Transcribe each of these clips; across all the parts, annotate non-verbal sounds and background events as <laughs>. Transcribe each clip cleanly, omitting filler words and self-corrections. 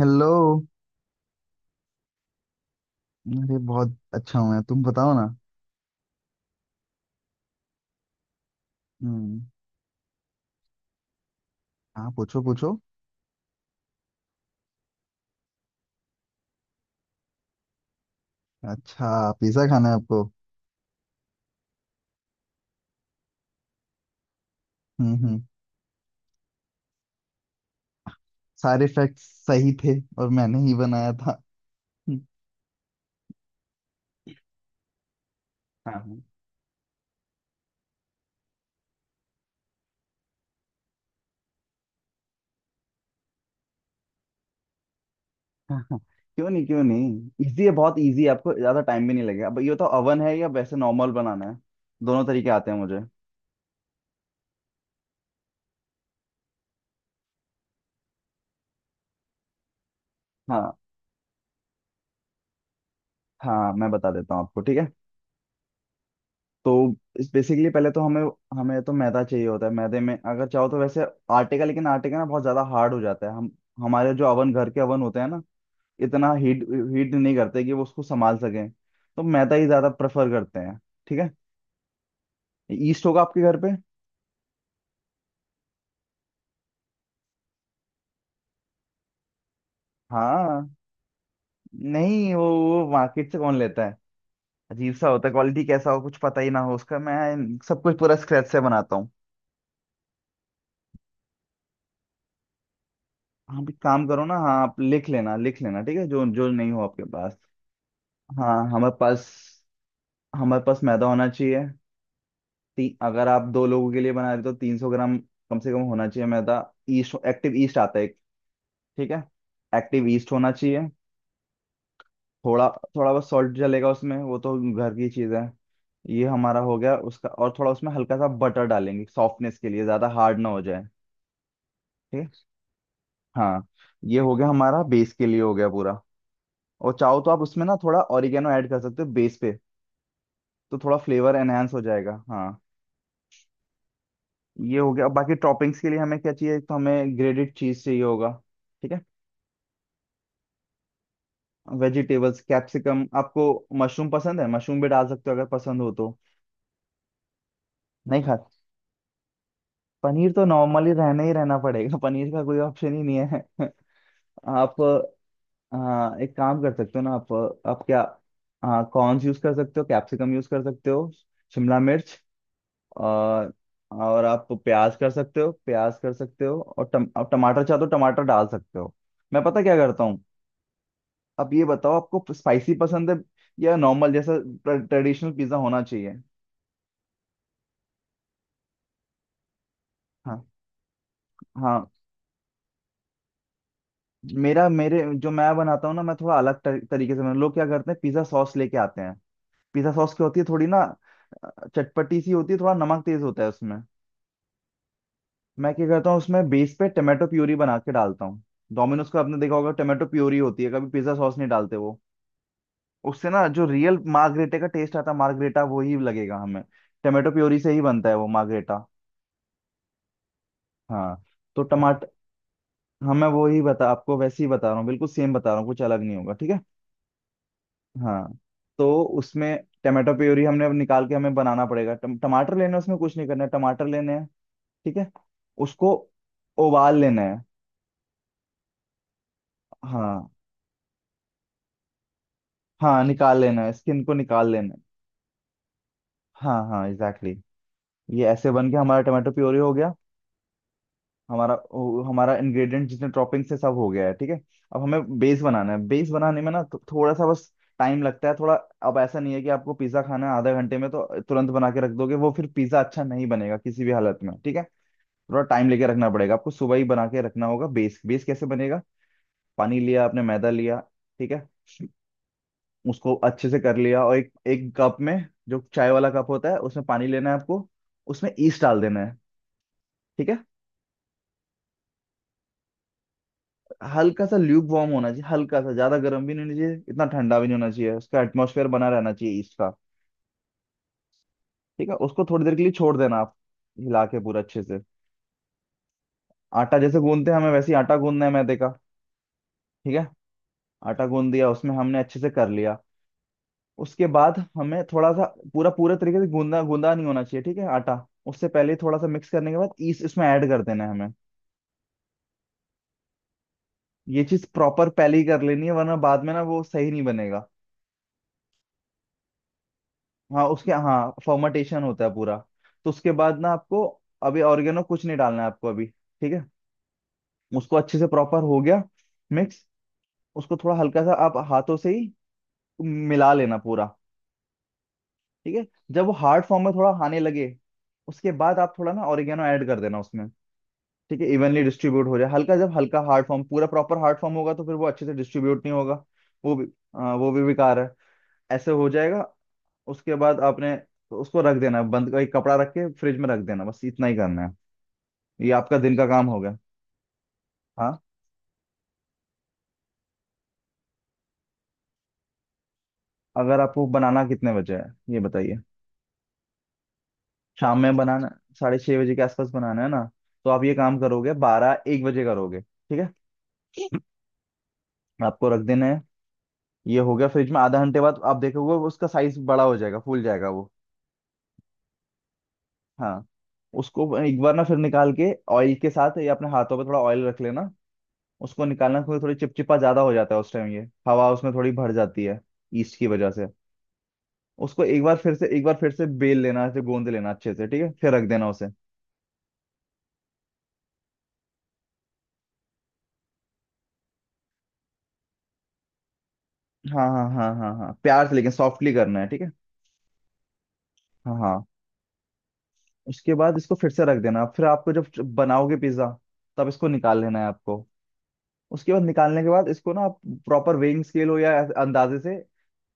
Hello. अरे बहुत अच्छा हूँ मैं, तुम बताओ ना। हम्म। हाँ पूछो पूछो। अच्छा पिज्जा खाना है आपको। हम्म। सारे फैक्ट्स सही थे और मैंने ही बनाया था। हम्म, हाँ। हाँ, क्यों नहीं क्यों नहीं, इजी है, बहुत इजी है, आपको ज्यादा टाइम भी नहीं लगेगा। अब ये तो ओवन है या वैसे नॉर्मल बनाना है? दोनों तरीके आते हैं मुझे। हाँ, हाँ मैं बता देता हूँ आपको ठीक है। तो बेसिकली पहले तो हमें हमें तो मैदा चाहिए होता है। मैदे में, अगर चाहो तो वैसे आटे का, लेकिन आटे का ना बहुत ज्यादा हार्ड हो जाता है। हम हमारे जो अवन, घर के अवन होते हैं ना, इतना हीट हीट नहीं करते कि वो उसको संभाल सकें, तो मैदा ही ज्यादा प्रेफर करते हैं। ठीक है। ईस्ट होगा आपके घर पे? हाँ। नहीं, वो मार्केट से कौन लेता है, अजीब सा होता है, क्वालिटी कैसा हो कुछ पता ही ना हो उसका। मैं सब कुछ पूरा स्क्रैच से बनाता हूँ। आप एक काम करो ना, हाँ आप लिख लेना, ठीक है, जो जो नहीं हो आपके पास। हाँ, हमारे पास मैदा होना चाहिए। अगर आप दो लोगों के लिए बना रहे हो तो 300 ग्राम कम से कम होना चाहिए मैदा। ईस्ट एक्टिव ईस्ट आता है एक, ठीक है, एक्टिव ईस्ट होना चाहिए। थोड़ा थोड़ा बहुत सॉल्ट जलेगा उसमें, वो तो घर की चीज़ है। ये हमारा हो गया उसका, और थोड़ा उसमें हल्का सा बटर डालेंगे सॉफ्टनेस के लिए, ज़्यादा हार्ड ना हो जाए। ठीक है। हाँ, ये हो गया, हमारा बेस के लिए हो गया पूरा। और चाहो तो आप उसमें ना थोड़ा ऑरिगेनो ऐड कर सकते हो बेस पे, तो थोड़ा फ्लेवर एनहेंस हो जाएगा। हाँ, ये हो गया। बाकी टॉपिंग्स के लिए हमें क्या चाहिए, तो हमें ग्रेटेड चीज चाहिए होगा। ठीक है। वेजिटेबल्स, कैप्सिकम, आपको मशरूम पसंद है? मशरूम भी डाल सकते हो अगर पसंद हो तो। नहीं खा? पनीर तो नॉर्मली रहना ही रहना पड़ेगा। <laughs> पनीर का कोई ऑप्शन ही नहीं है। <laughs> आप, हाँ एक काम कर सकते हो ना आप। आप क्या, हाँ कॉर्न्स यूज कर सकते हो, कैप्सिकम यूज कर सकते हो, शिमला मिर्च। और और आप प्याज कर सकते हो, और आप टमाटर चाहो तो टमाटर डाल सकते हो। मैं पता क्या करता हूँ, अब ये बताओ, आपको स्पाइसी पसंद है या नॉर्मल जैसा ट्रेडिशनल पिज्जा होना चाहिए? हाँ, हाँ। मेरा मेरे जो मैं बनाता हूँ ना, मैं थोड़ा अलग तरीके से बनाता। लोग क्या करते हैं, पिज्जा सॉस लेके आते हैं। पिज्जा सॉस क्या होती है, थोड़ी ना अ, चटपटी सी होती है, थोड़ा नमक तेज होता है उसमें। मैं क्या करता हूँ, उसमें बेस पे टमाटो प्यूरी बना के डालता हूँ। डोमिनोज का आपने देखा होगा, टमाटो प्यूरी होती है, कभी पिज्जा सॉस नहीं डालते वो। उससे ना जो रियल मार्गरेटे का टेस्ट आता है, मार्गरेटा वो ही लगेगा हमें। टमाटो प्योरी से ही बनता है वो मार्गरेटा। हाँ। तो टमाट हाँ मैं वो ही बता, आपको वैसे ही बता रहा हूँ, बिल्कुल सेम बता रहा हूँ, कुछ अलग नहीं होगा। ठीक है। हाँ, तो उसमें टमाटो प्योरी हमने, अब निकाल के हमें बनाना पड़ेगा। टमाटर लेने हैं, उसमें कुछ नहीं करना है, टमाटर लेने हैं। ठीक है। उसको उबाल लेना है। हाँ, हाँ निकाल लेना है, स्किन को निकाल लेना है। हाँ हाँ एग्जैक्टली exactly। ये ऐसे बन के हमारा टमाटो प्योरी हो गया। हमारा वो, हमारा इंग्रेडिएंट जितने टॉपिंग से सब हो गया है, ठीक है। अब हमें बेस बनाना है। बेस बनाने में ना थोड़ा सा बस टाइम लगता है थोड़ा। अब ऐसा नहीं है कि आपको पिज्जा खाना है आधा घंटे में तो तुरंत बना के रख दोगे, वो फिर पिज्जा अच्छा नहीं बनेगा किसी भी हालत में, ठीक है। थोड़ा टाइम लेके रखना पड़ेगा आपको, सुबह ही बना के रखना होगा बेस। बेस कैसे बनेगा, पानी लिया आपने, मैदा लिया, ठीक है, उसको अच्छे से कर लिया, और एक, एक कप में, जो चाय वाला कप होता है, उसमें पानी लेना है आपको, उसमें ईस्ट डाल देना है। ठीक है। हल्का सा ल्यूक वार्म होना चाहिए, हल्का सा, ज्यादा गर्म भी नहीं होना चाहिए, इतना ठंडा भी नहीं होना चाहिए, उसका एटमोसफेयर बना रहना चाहिए ईस्ट का। ठीक है। उसको थोड़ी देर के लिए छोड़ देना आप, हिला के पूरा अच्छे से। आटा जैसे गूंदते हैं हमें वैसे ही आटा गूंदना है मैदे का। ठीक है। आटा गूंद दिया, उसमें हमने अच्छे से कर लिया। उसके बाद हमें थोड़ा सा, पूरा पूरे तरीके से गूंदा गूंदा नहीं होना चाहिए, ठीक है आटा, उससे पहले ही थोड़ा सा मिक्स करने के बाद ईस्ट इसमें ऐड कर देना है हमें। ये चीज प्रॉपर पहले ही कर लेनी है वरना बाद में ना वो सही नहीं बनेगा। हाँ, उसके हाँ फर्मेंटेशन होता है पूरा। तो उसके बाद ना आपको, अभी ऑर्गेनो कुछ नहीं डालना है आपको अभी ठीक है। उसको अच्छे से प्रॉपर हो गया मिक्स, उसको थोड़ा हल्का सा आप हाथों से ही मिला लेना पूरा। ठीक है। जब वो हार्ड फॉर्म में थोड़ा आने लगे, उसके बाद आप थोड़ा ना ऑरिगेनो ऐड कर देना उसमें, ठीक है, इवनली डिस्ट्रीब्यूट हो जाए हल्का। जब हल्का हार्ड फॉर्म, पूरा प्रॉपर हार्ड फॉर्म होगा तो फिर वो अच्छे से डिस्ट्रीब्यूट नहीं होगा, वो भी वो भी बेकार है, ऐसे हो जाएगा। उसके बाद आपने उसको रख देना है, बंद एक कपड़ा रख के फ्रिज में रख देना, बस इतना ही करना है। ये आपका दिन का काम हो गया। हाँ। अगर आपको बनाना कितने बजे है, ये बताइए। शाम में बनाना, 6:30 बजे के आसपास बनाना है ना, तो आप ये काम करोगे 12-1 बजे, करोगे ठीक है। <clears throat> आपको रख देना है, ये हो गया फ्रिज में। आधा घंटे बाद आप देखोगे वो उसका साइज बड़ा हो जाएगा, फूल जाएगा वो। हाँ। उसको एक बार ना फिर निकाल के ऑयल के साथ, या अपने हाथों पे थोड़ा ऑयल रख लेना, उसको निकालना, फिर थोड़ी चिपचिपा ज्यादा हो जाता है उस टाइम ये, हवा उसमें थोड़ी भर जाती है ईस्ट की वजह से। उसको एक बार फिर से, बेल लेना, ऐसे गोंद लेना अच्छे से, ठीक है, फिर रख देना उसे। हाँ हाँ हाँ हाँ हाँ, प्यार से लेकिन, सॉफ्टली करना है ठीक है। हाँ हाँ। उसके बाद इसको फिर से रख देना, फिर आपको जब बनाओगे पिज्जा तब इसको निकाल लेना है आपको। उसके बाद निकालने के बाद इसको ना आप, प्रॉपर वेइंग स्केल हो या ऐसे अंदाजे से,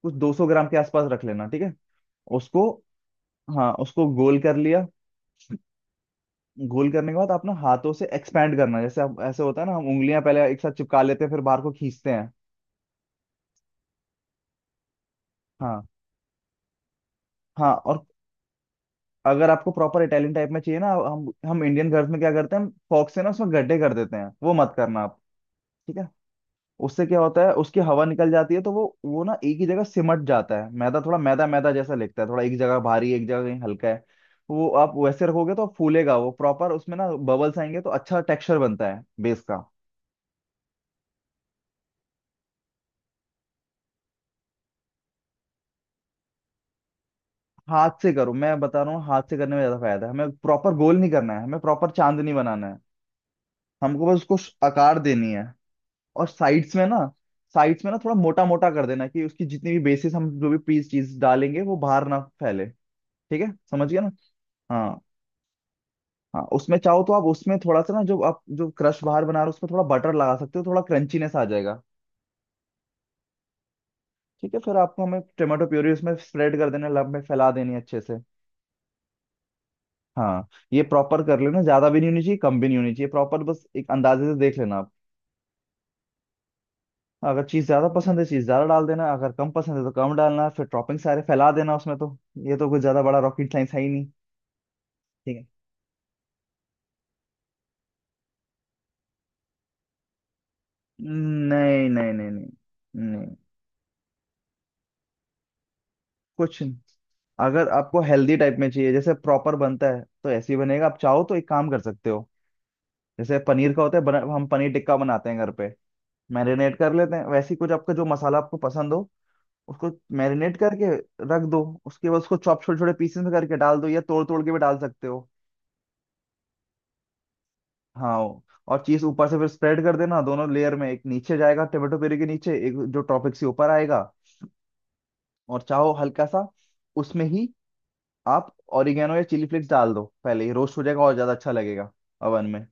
कुछ 200 ग्राम के आसपास रख लेना ठीक है उसको। हाँ, उसको गोल कर लिया। गोल करने के बाद आप ना हाथों से एक्सपैंड करना, जैसे आप, ऐसे होता है ना, हम उंगलियां पहले एक साथ चिपका लेते हैं फिर बाहर को खींचते हैं। हाँ, हाँ। और अगर आपको प्रॉपर इटालियन टाइप में चाहिए ना, हम इंडियन घर में क्या करते हैं, हम फॉक्स से ना उसमें गड्ढे कर देते हैं, वो मत करना आप, ठीक है। उससे क्या होता है, उसकी हवा निकल जाती है तो वो ना एक ही जगह सिमट जाता है मैदा, थोड़ा मैदा मैदा जैसा लगता है, थोड़ा एक जगह भारी एक जगह कहीं हल्का है। वो आप वैसे रखोगे तो फूलेगा वो प्रॉपर, उसमें ना बबल्स आएंगे तो अच्छा टेक्सचर बनता है बेस का। हाथ से करो, मैं बता रहा हूँ हाथ से करने में ज्यादा फायदा है। हमें प्रॉपर गोल नहीं करना है, हमें प्रॉपर चांदनी बनाना है, हमको बस उसको आकार देनी है। और साइड्स में ना, थोड़ा मोटा मोटा कर देना, कि उसकी जितनी भी बेसिस हम जो भी पीस चीज डालेंगे वो बाहर ना फैले। ठीक है, समझ गया ना। हाँ। हाँ उसमें चाहो तो आप उसमें थोड़ा सा ना, जो आप जो क्रश बाहर बना रहे हो उसमें थोड़ा बटर लगा सकते हो, थोड़ा क्रंचीनेस आ जाएगा। ठीक है, फिर आपको, हमें टोमेटो प्यूरी उसमें स्प्रेड कर देना, लब में फैला देनी है अच्छे से। हाँ। ये प्रॉपर कर लेना, ज्यादा भी नहीं होनी चाहिए कम भी नहीं होनी चाहिए, प्रॉपर बस एक अंदाजे से देख लेना आप। अगर चीज ज्यादा पसंद है चीज ज्यादा डाल देना, अगर कम पसंद है तो कम डालना, फिर टॉपिंग सारे फैला देना उसमें तो। ये तो कुछ ज्यादा बड़ा रॉकेट साइंस है ही नहीं। ठीक है। नहीं नहीं नहीं नहीं, नहीं कुछ नहीं। अगर आपको हेल्दी टाइप में चाहिए जैसे प्रॉपर बनता है तो ऐसे ही बनेगा। आप चाहो तो एक काम कर सकते हो, जैसे पनीर का होता है हम पनीर टिक्का बनाते हैं घर पे, मैरिनेट कर लेते हैं, वैसे ही कुछ आपका जो मसाला आपको पसंद हो उसको मैरिनेट करके रख दो। उसके बाद उसको चॉप, छोटे छोटे पीसेस में करके डाल दो, या तोड़ तोड़ के भी डाल सकते हो। हाँ। और चीज ऊपर से फिर स्प्रेड कर देना दोनों लेयर में, एक नीचे जाएगा टोमेटो प्यूरी के नीचे, एक जो टॉपिक से ऊपर आएगा। और चाहो हल्का सा उसमें ही आप ऑरिगेनो या चिली फ्लेक्स डाल दो, पहले ही रोस्ट हो जाएगा और ज्यादा अच्छा लगेगा अवन में।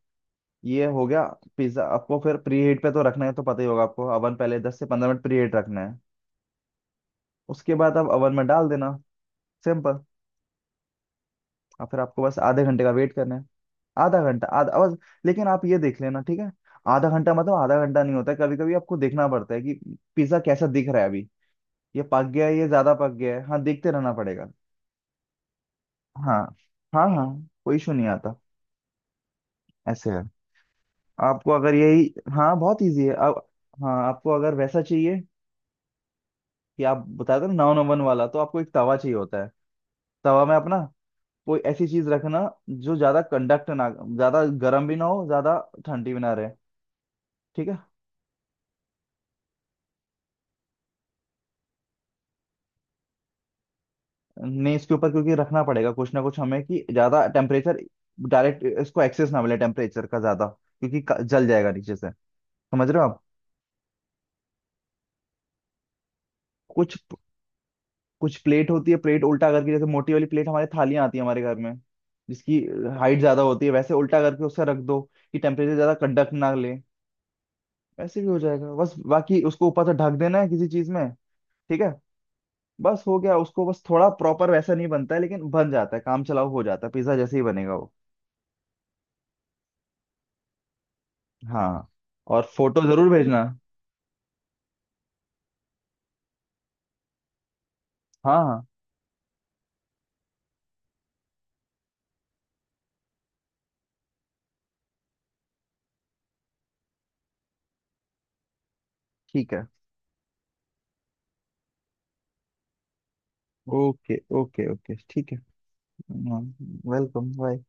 ये हो गया। पिज्जा आपको फिर प्री हीट पे तो रखना है, तो पता ही होगा आपको अवन पहले 10 से 15 मिनट प्री हीट रखना है। उसके बाद आप अवन में डाल देना, सिंपल। और फिर आपको बस आधे घंटे का वेट करना है। आधा घंटा, आधा बस। लेकिन आप ये देख लेना ठीक है, आधा घंटा मतलब आधा घंटा नहीं होता है, कभी कभी आपको देखना पड़ता है कि पिज्जा कैसा दिख रहा है अभी, ये पक गया है, ये ज्यादा पक गया है, हाँ देखते रहना पड़ेगा। हाँ हाँ हाँ, कोई इशू नहीं आता। ऐसे है, आपको अगर यही, हाँ बहुत इजी है आप। हाँ आपको अगर वैसा चाहिए कि आप बता दो, नौ नंबर वाला, तो आपको एक तवा चाहिए होता है। तवा में अपना कोई ऐसी चीज रखना जो ज्यादा कंडक्ट ना, ज्यादा गर्म भी ना हो ज्यादा, ठंडी भी ना रहे, ठीक है। नहीं, इसके ऊपर क्योंकि रखना पड़ेगा कुछ ना कुछ हमें, कि ज्यादा टेम्परेचर डायरेक्ट इसको एक्सेस ना मिले टेम्परेचर का ज्यादा, क्योंकि जल जाएगा नीचे से। समझ रहे हो आप। कुछ कुछ प्लेट होती है, प्लेट उल्टा करके, जैसे मोटी वाली प्लेट हमारे, थालियां आती है हमारे घर में जिसकी हाइट ज्यादा होती है, वैसे उल्टा करके उससे रख दो, कि टेम्परेचर ज्यादा कड़क ना ले। वैसे भी हो जाएगा बस, बाकी उसको ऊपर से ढक देना है किसी चीज में। ठीक है। बस हो गया उसको, बस थोड़ा प्रॉपर वैसा नहीं बनता है लेकिन बन जाता है, काम चलाओ हो जाता है, पिज्जा जैसे ही बनेगा वो। हाँ, और फोटो जरूर भेजना। हाँ हाँ ठीक है, ओके ओके ओके ठीक है। हाँ, वेलकम बाय।